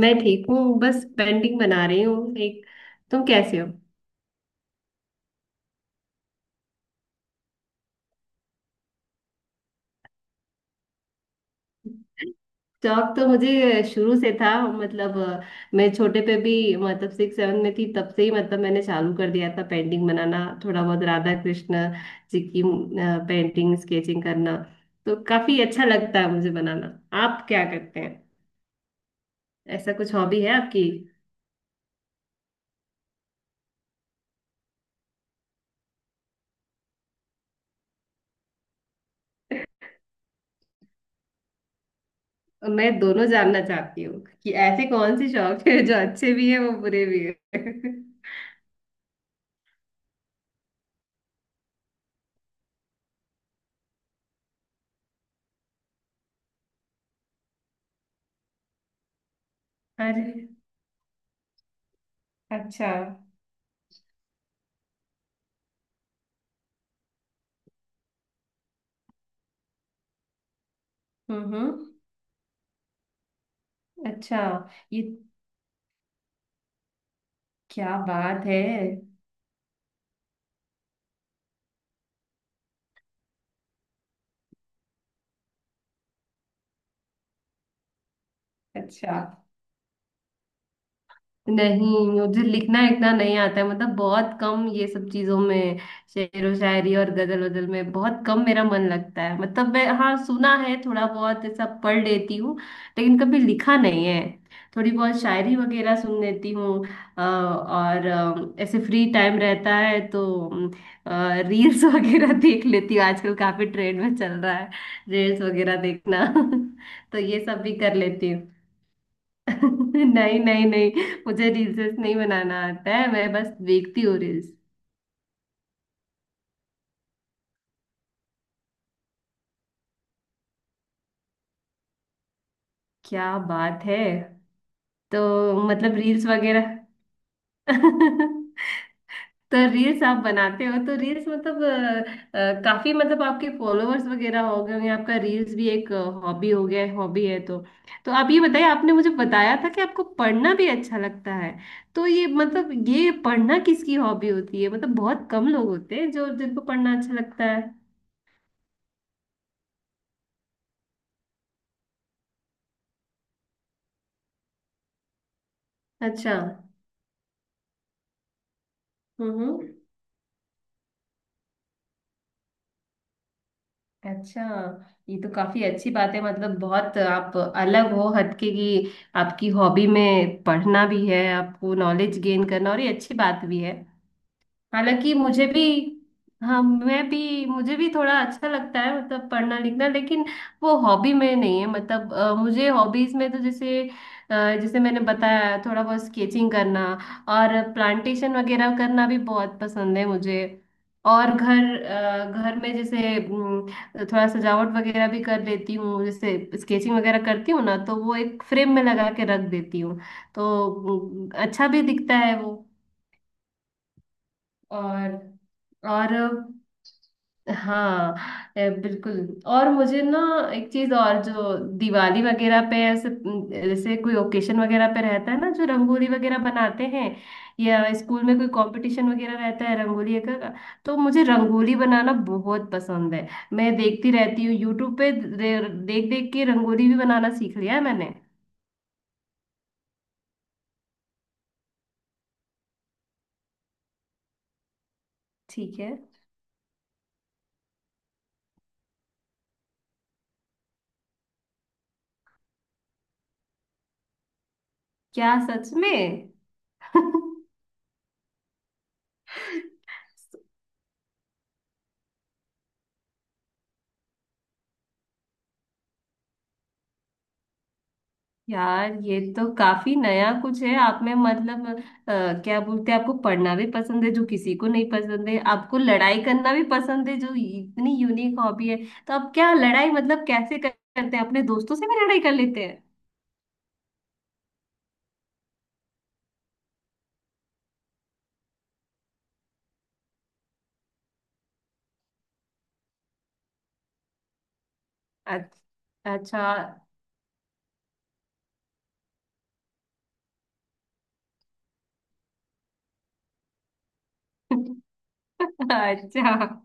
मैं ठीक हूँ, बस पेंटिंग बना रही हूँ एक। तुम कैसे हो? शौक तो मुझे शुरू से था, मतलब मैं छोटे पे भी मतलब सिक्स सेवन में थी, तब से ही मतलब मैंने चालू कर दिया था पेंटिंग बनाना। थोड़ा बहुत राधा कृष्ण जी की पेंटिंग, स्केचिंग करना तो काफी अच्छा लगता है मुझे बनाना। आप क्या करते हैं? ऐसा कुछ हॉबी है आपकी? मैं दोनों जानना चाहती हूँ कि ऐसे कौन से शौक है जो अच्छे भी है वो बुरे भी है। अरे। अच्छा। हम्म। अच्छा। ये क्या बात है! अच्छा। नहीं, मुझे लिखना लिखना नहीं आता है, मतलब बहुत कम ये सब चीजों में। शेर व शायरी और गजल वजल में बहुत कम मेरा मन लगता है, मतलब मैं, हाँ, सुना है, थोड़ा बहुत ऐसा पढ़ लेती हूँ, लेकिन कभी लिखा नहीं है। थोड़ी बहुत शायरी वगैरह सुन लेती हूँ। और ऐसे फ्री टाइम रहता है तो रील्स वगैरह देख लेती हूँ। आजकल काफी ट्रेंड में चल रहा है रील्स वगैरह देखना। तो ये सब भी कर लेती हूँ। नहीं, नहीं, नहीं, मुझे रील्स नहीं बनाना आता है, मैं बस देखती हूँ रील्स। क्या बात है! तो मतलब रील्स वगैरह। तो रील्स आप बनाते हो तो रील्स मतलब काफी मतलब आपके फॉलोअर्स वगैरह हो गए होंगे। आपका रील्स भी एक हॉबी हो गया, हॉबी है तो। तो आप ये बताइए, आपने मुझे बताया था कि आपको पढ़ना भी अच्छा लगता है। तो ये मतलब ये पढ़ना किसकी हॉबी होती है, मतलब बहुत कम लोग होते हैं जो जिनको पढ़ना अच्छा लगता है। अच्छा। हम्म हम्म। अच्छा। ये तो काफी अच्छी बात है, मतलब बहुत आप अलग हो हटके की। आपकी हॉबी में पढ़ना भी है, आपको नॉलेज गेन करना, और ये अच्छी बात भी है। हालांकि मुझे भी, हाँ, मैं भी मुझे भी थोड़ा अच्छा लगता है मतलब पढ़ना लिखना, लेकिन वो हॉबी में नहीं है। मतलब मुझे हॉबीज में तो जैसे, जैसे मैंने बताया, थोड़ा बहुत स्केचिंग करना और प्लांटेशन वगैरह करना भी बहुत पसंद है मुझे। और घर घर में जैसे थोड़ा सजावट वगैरह भी कर लेती हूँ। जैसे स्केचिंग वगैरह करती हूँ ना, तो वो एक फ्रेम में लगा के रख देती हूँ, तो अच्छा भी दिखता है वो। और और हाँ, बिल्कुल। और मुझे ना एक चीज और जो, दिवाली वगैरह पे ऐसे जैसे कोई ओकेशन वगैरह पे रहता है ना जो रंगोली वगैरह बनाते हैं, या स्कूल में कोई कंपटीशन वगैरह रहता है रंगोली का, तो मुझे रंगोली बनाना बहुत पसंद है। मैं देखती रहती हूँ यूट्यूब पे, देख देख के रंगोली भी बनाना सीख लिया है मैंने। ठीक है। क्या, सच में? यार, ये तो काफी नया कुछ है आप में, मतलब क्या बोलते हैं, आपको पढ़ना भी पसंद है जो किसी को नहीं पसंद है, आपको लड़ाई करना भी पसंद है, जो इतनी यूनिक हॉबी है। तो आप क्या लड़ाई मतलब कैसे करते हैं? अपने दोस्तों से भी लड़ाई कर लेते हैं? अच्छा, अच्छा। अच्छा,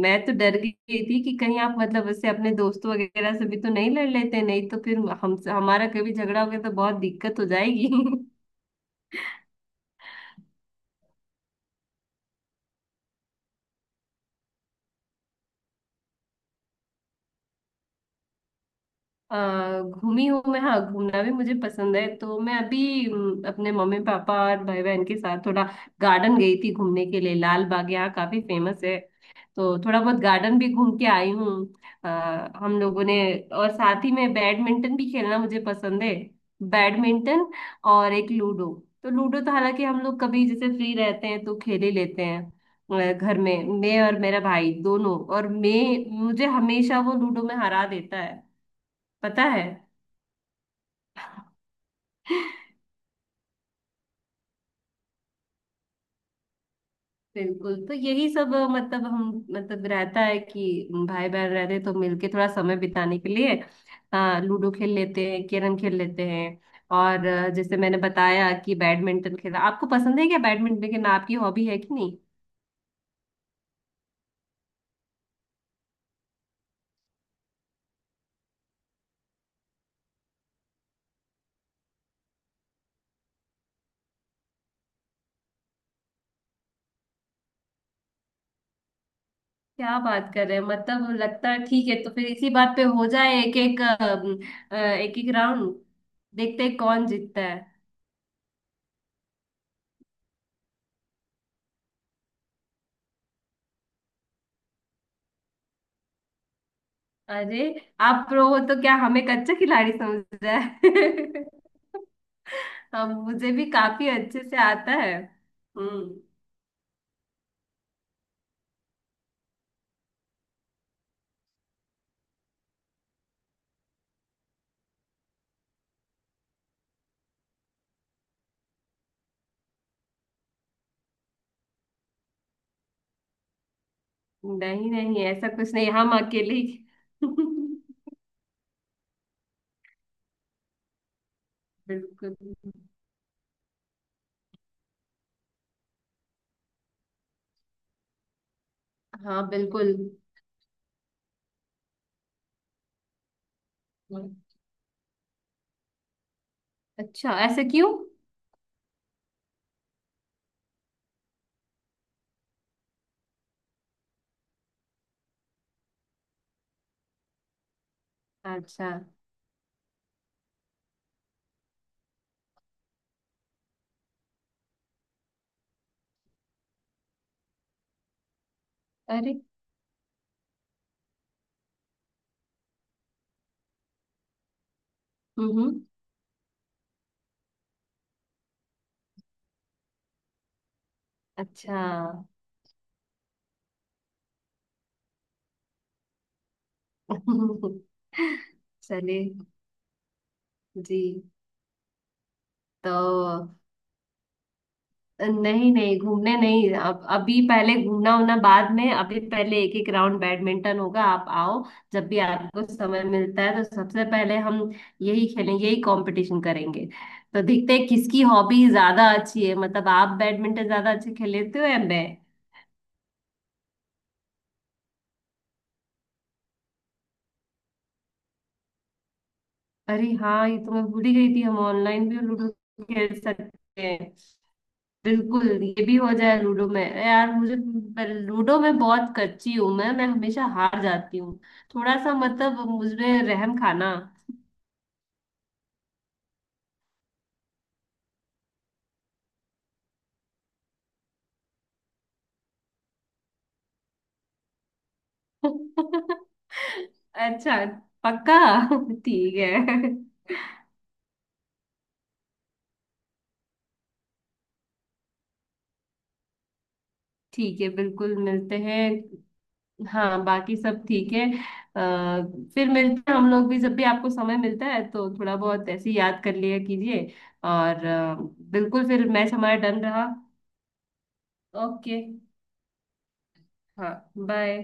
मैं तो डर गई थी कि कहीं आप मतलब उससे अपने दोस्तों वगैरह से भी तो नहीं लड़ लेते, नहीं तो फिर हम हमारा कभी झगड़ा हो गया तो बहुत दिक्कत हो जाएगी। घूमी हूँ मैं, हाँ, घूमना भी मुझे पसंद है। तो मैं अभी अपने मम्मी पापा और भाई बहन के साथ थोड़ा गार्डन गई थी घूमने के लिए। लाल बाग यहाँ काफी फेमस है, तो थोड़ा बहुत गार्डन भी घूम के आई हूँ। आ, हम लोगों ने, और साथ ही में बैडमिंटन भी खेलना मुझे पसंद है, बैडमिंटन, और एक लूडो। तो लूडो तो हालांकि हम लोग कभी जैसे फ्री रहते हैं तो खेल ही लेते हैं। घर में मैं और मेरा भाई दोनों, और मैं मुझे हमेशा वो लूडो में हरा देता है, पता है। बिल्कुल, तो यही सब मतलब हम मतलब रहता है कि भाई बहन रहते हैं तो मिलके थोड़ा समय बिताने के लिए लूडो खेल लेते हैं, कैरम खेल लेते हैं। और जैसे मैंने बताया कि बैडमिंटन खेला, आपको पसंद है क्या बैडमिंटन खेलना? आपकी हॉबी है कि नहीं? क्या बात कर रहे हैं! मतलब लगता है ठीक है, तो फिर इसी बात पे हो जाए, एक एक राउंड, देखते हैं कौन जीतता है। अरे, आप प्रो हो तो क्या हमें कच्चा खिलाड़ी समझ रहा है? अब मुझे भी काफी अच्छे से आता है। हम्म। नहीं नहीं, ऐसा कुछ नहीं, हम अकेले ही। बिल्कुल। हाँ, बिल्कुल। अच्छा, ऐसे क्यों? अच्छा। अरे। हम्म। अच्छा। चलिए। जी। तो नहीं नहीं, घूमने नहीं, अब अभी पहले घूमना होना बाद में, अभी पहले एक एक राउंड बैडमिंटन होगा, आप आओ। जब भी आपको समय मिलता है तो सबसे पहले हम यही खेलेंगे, यही कंपटीशन करेंगे। तो देखते हैं किसकी हॉबी ज्यादा अच्छी है, मतलब आप बैडमिंटन ज्यादा अच्छे खेल लेते हो या मैं। अरे हाँ, ये तो मैं भूल ही गई थी, हम ऑनलाइन भी लूडो खेल सकते हैं। बिल्कुल, ये भी हो जाए। लूडो में यार मुझे, पर लूडो में बहुत कच्ची हूं मैं, हमेशा हार जाती हूँ। थोड़ा सा मतलब मुझमें रहम खाना। अच्छा, पक्का? ठीक है। ठीक है, बिल्कुल, मिलते हैं। हाँ, बाकी सब ठीक है। आ, फिर मिलते हैं हम लोग भी, जब भी आपको समय मिलता है तो थोड़ा बहुत ऐसे ही याद कर लिया कीजिए। और बिल्कुल, फिर मैच हमारा डन रहा। ओके। हाँ, बाय।